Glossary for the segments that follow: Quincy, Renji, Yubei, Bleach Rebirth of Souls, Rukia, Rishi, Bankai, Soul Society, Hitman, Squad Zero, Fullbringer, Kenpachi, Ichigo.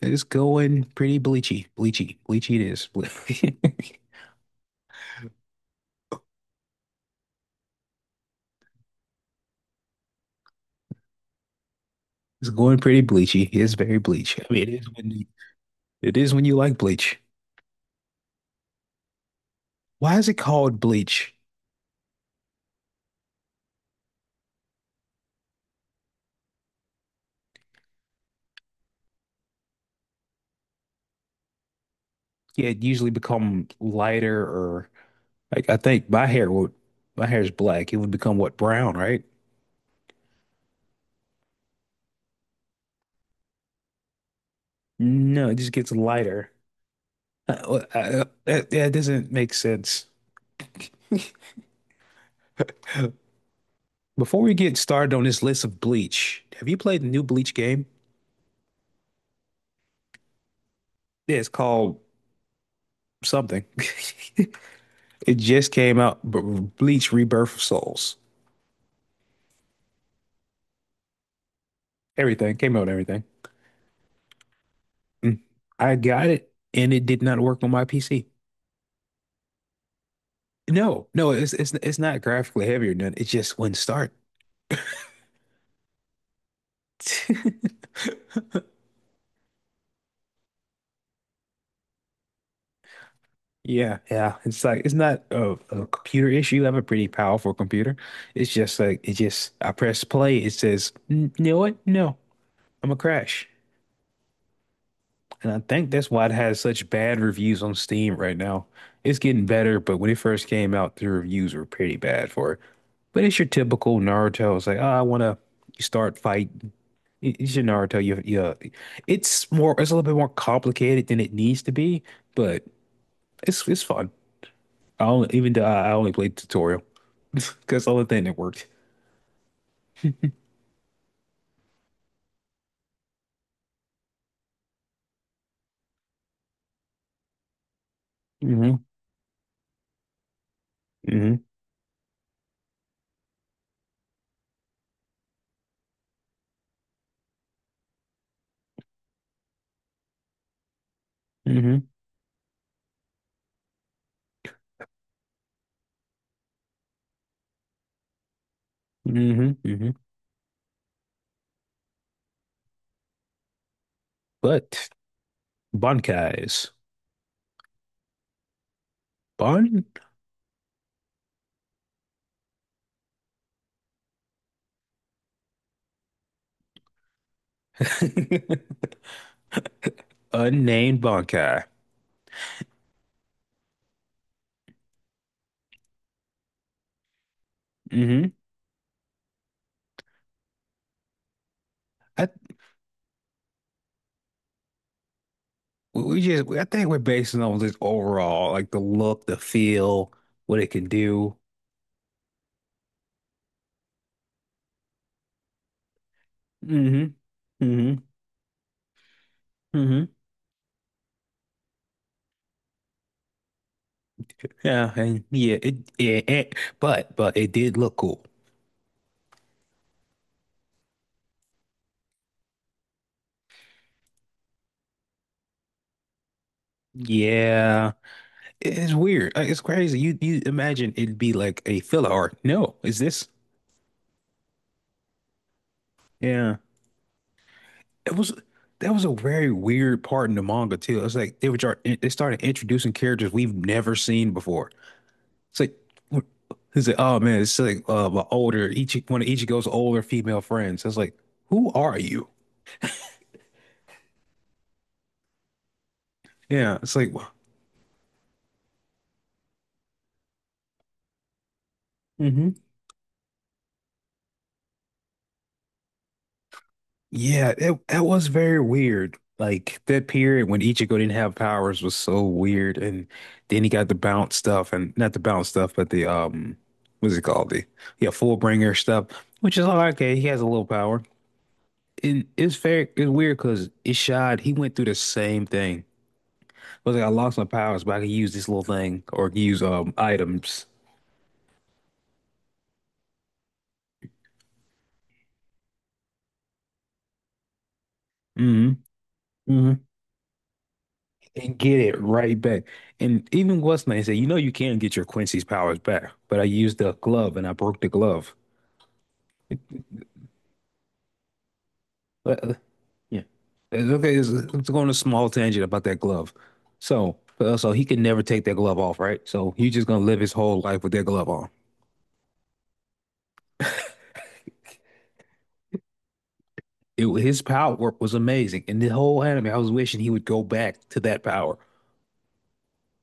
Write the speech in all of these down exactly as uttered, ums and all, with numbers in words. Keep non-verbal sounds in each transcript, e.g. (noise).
It is going pretty bleachy. Bleachy. Bleachy it is. (laughs) It's going pretty bleachy. It is very bleach. I mean, it is when you, it is when you like bleach. Why is it called bleach? Yeah, it usually become lighter or like I think my hair would my hair is black. It would become what brown, right? No, it just gets lighter. Uh, uh, uh, that, that doesn't make sense. (laughs) Before we get started on this list of bleach, have you played the new bleach game? Yeah, it's called something. (laughs) It just came out. B- Bleach Rebirth of Souls. Everything came out. and everything. Mm. I got it, and it did not work on my P C. No, no, it's it's it's not graphically heavy or nothing. It just wouldn't start. (laughs) Yeah, yeah. It's like it's not a, a computer issue. I have a pretty powerful computer. It's just like it just. I press play. It says, "N- You know what? No, I'm a crash. And I think that's why it has such bad reviews on Steam right now. It's getting better, but when it first came out, the reviews were pretty bad for it. But it's your typical Naruto. It's like, oh, I want to start fight. It- It's your Naruto. You, yeah. It's more, it's a little bit more complicated than it needs to be, but it's it's fun. I only, even though I I only played tutorial (laughs) because that's the only thing that worked. hmm hmm hmm hmm hmm But Bankai's Bon. (laughs) Unnamed Bunkai. Mm-hmm. I we we just, I think, we're basing on this overall, like the look, the feel, what it can do. Mm-hmm. Mm-hmm. Mm-hmm. Yeah, and yeah, it yeah, it, but but it did look cool. Yeah, it's weird. Like, it's crazy. You you imagine it'd be like a filler art. No, is this? Yeah, it was. That was a very weird part in the manga too. It's like they were try- they started introducing characters we've never seen before. It's like, what- it's like, oh man, it's like uh, my older each one of Ichigo's older female friends. I was like, who are you? Yeah, it's like, hmm, yeah, it that was very weird. Like that period when Ichigo didn't have powers was so weird, and then he got the bounce stuff, and not the bounce stuff, but the um, what's it called? The Yeah, Fullbringer stuff, which is all right, okay. He has a little power, and it's very it's weird because Ishad he went through the same thing. Was like, I lost my powers, but I could use this little thing or use um items. Hmm, hmm. And get it right back. And even what's name said, you know, you can get your Quincy's powers back, but I used the glove and I broke the glove. But, uh, Yeah. It's okay, it's, it's going a small tangent about that glove. So, uh, so he could never take that glove off, right? So he's just gonna live his whole life with that glove on. It, wa- his power was amazing, and the whole anime, I was wishing he would go back to that power.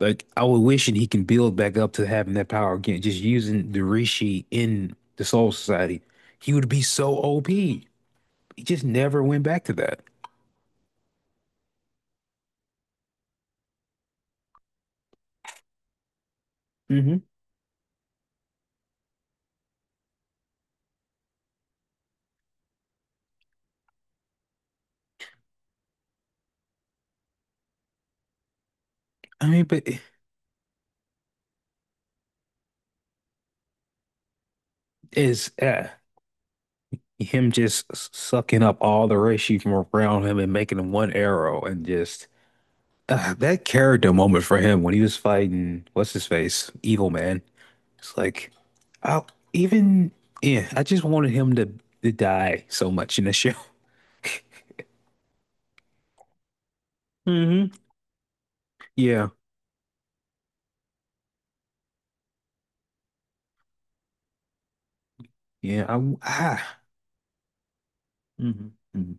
Like I was wishing he can build back up to having that power again, just using the Rishi in the Soul Society. He would be so O P. He just never went back to that. Hmm. I mean, but is uh, him just s- sucking up all the Rishi from around him and making him one arrow, and just uh, that character moment for him when he was fighting what's his face, Evil Man. It's like, I even yeah, I just wanted him to to die so much in the show. (laughs) Hmm. Yeah. Yeah, I, w- ah, mhm, mhm.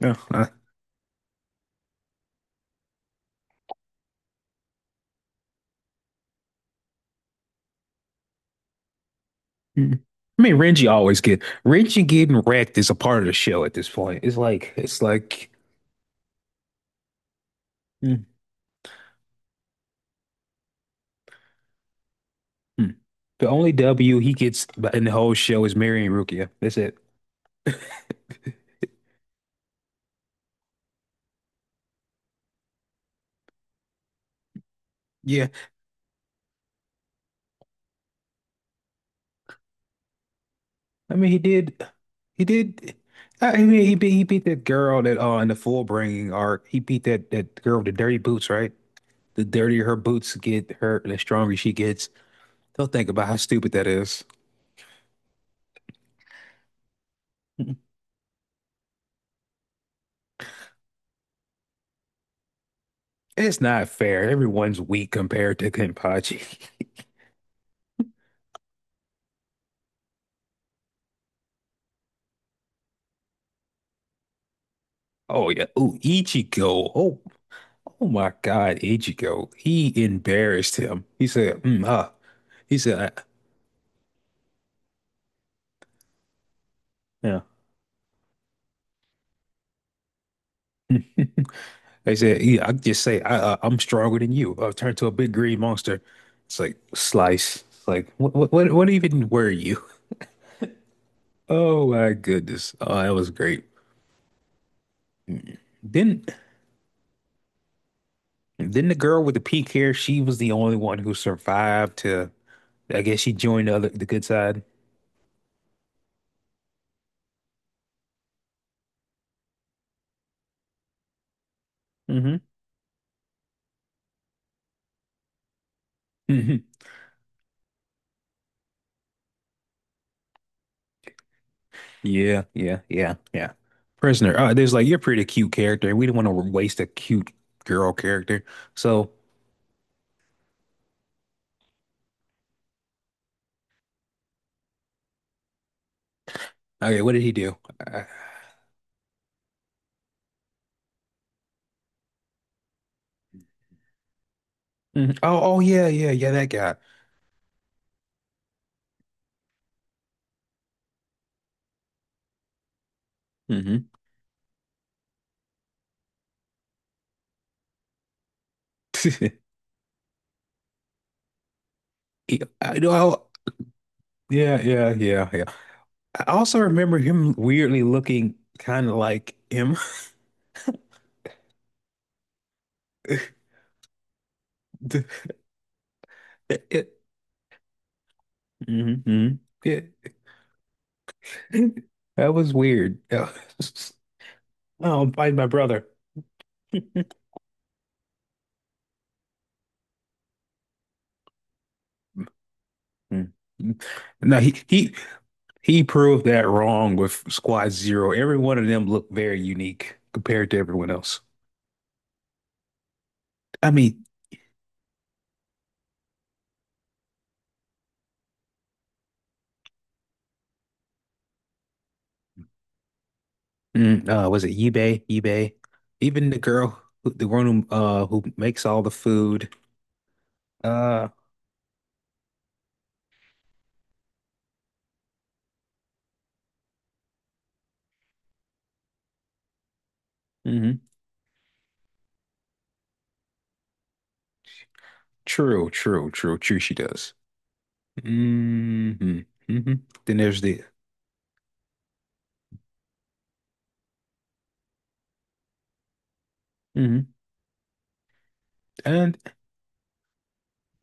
No, I, mm. I mean, Renji always get, Renji getting wrecked is a part of the show at this point. It's like it's like mm, mm. The only W he gets in the whole show is marrying Rukia. That's it. (laughs) Yeah, I mean, he did, he did. I mean, he beat he beat that girl that uh in the full bringing arc. He beat that that girl with the dirty boots, right? The dirtier her boots get, her the stronger she gets. Don't think about how stupid that is. It's not fair. Everyone's weak compared to Kenpachi. (laughs) Oh yeah. Ooh, Ichigo. Oh, oh my God, Ichigo. He embarrassed him. He said, mm, uh, he said, uh, yeah. They said, yeah, I just say I, uh, I'm stronger than you. I'll turn to a big green monster. It's like slice. It's like what, what, what, what even were you? (laughs) Oh my goodness. Oh, that was great. Then, then the girl with the pink hair. She was the only one who survived to. I guess she joined the other the good side. Hmm, hmm. Yeah, yeah, yeah, yeah. Prisoner. Uh, there's like you're a pretty cute character. We didn't want to waste a cute girl character. So, okay, what did he do? Uh, mhm. Oh, oh yeah, yeah, yeah, that guy. Hmm. (laughs) He, I know. Yeah, yeah, yeah, yeah. I also remember him weirdly looking kind of like him. (laughs) The- it- mhm, mhm. Yeah. (laughs) That was weird. (laughs) Oh, I'm fighting my brother. (laughs) Mm. No, he, he He proved that wrong with Squad Zero. Every one of them looked very unique compared to everyone else. I mean, mm, uh, was it Yubei? Yubei? Even the girl, who- the one who, uh, who makes all the food. Uh, mhm. True, true, true, true. She does. Hmm, hmm. Then there's the hmm, and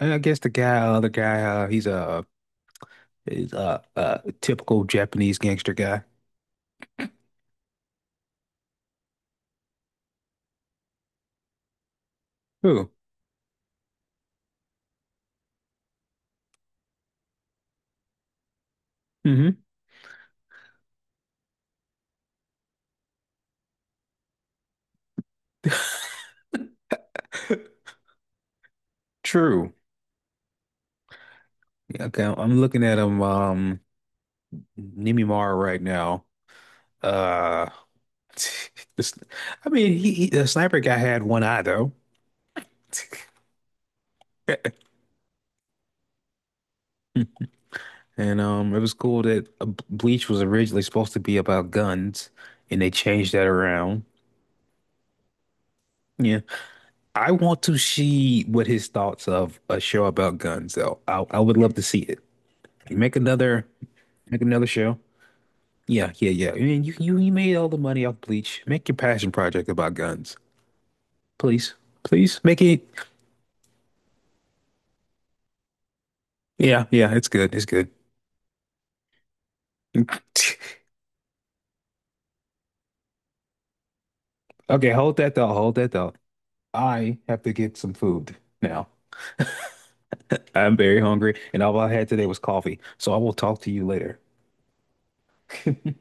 and I guess the guy, other guy. Uh, he's a, he's a, a typical Japanese gangster guy. Who? Hmm. (laughs) True. Yeah, okay, I'm looking at him. Um, Nimimara, right now. Uh, (laughs) this, I mean, he, he the sniper guy had one eye though. (laughs) And um, it was cool that uh, Bleach was originally supposed to be about guns, and they changed that around. Yeah, I want to see what his thoughts of a show about guns though. I I would love to see it. Make another, make another show. Yeah, yeah, yeah. I mean, you you you made all the money off Bleach. Make your passion project about guns, please, please make it. Yeah, yeah, it's good. It's good. (laughs) Okay, hold that thought. Hold that thought. I have to get some food now. (laughs) I'm very hungry, and all I had today was coffee. So I will talk to you later. (laughs)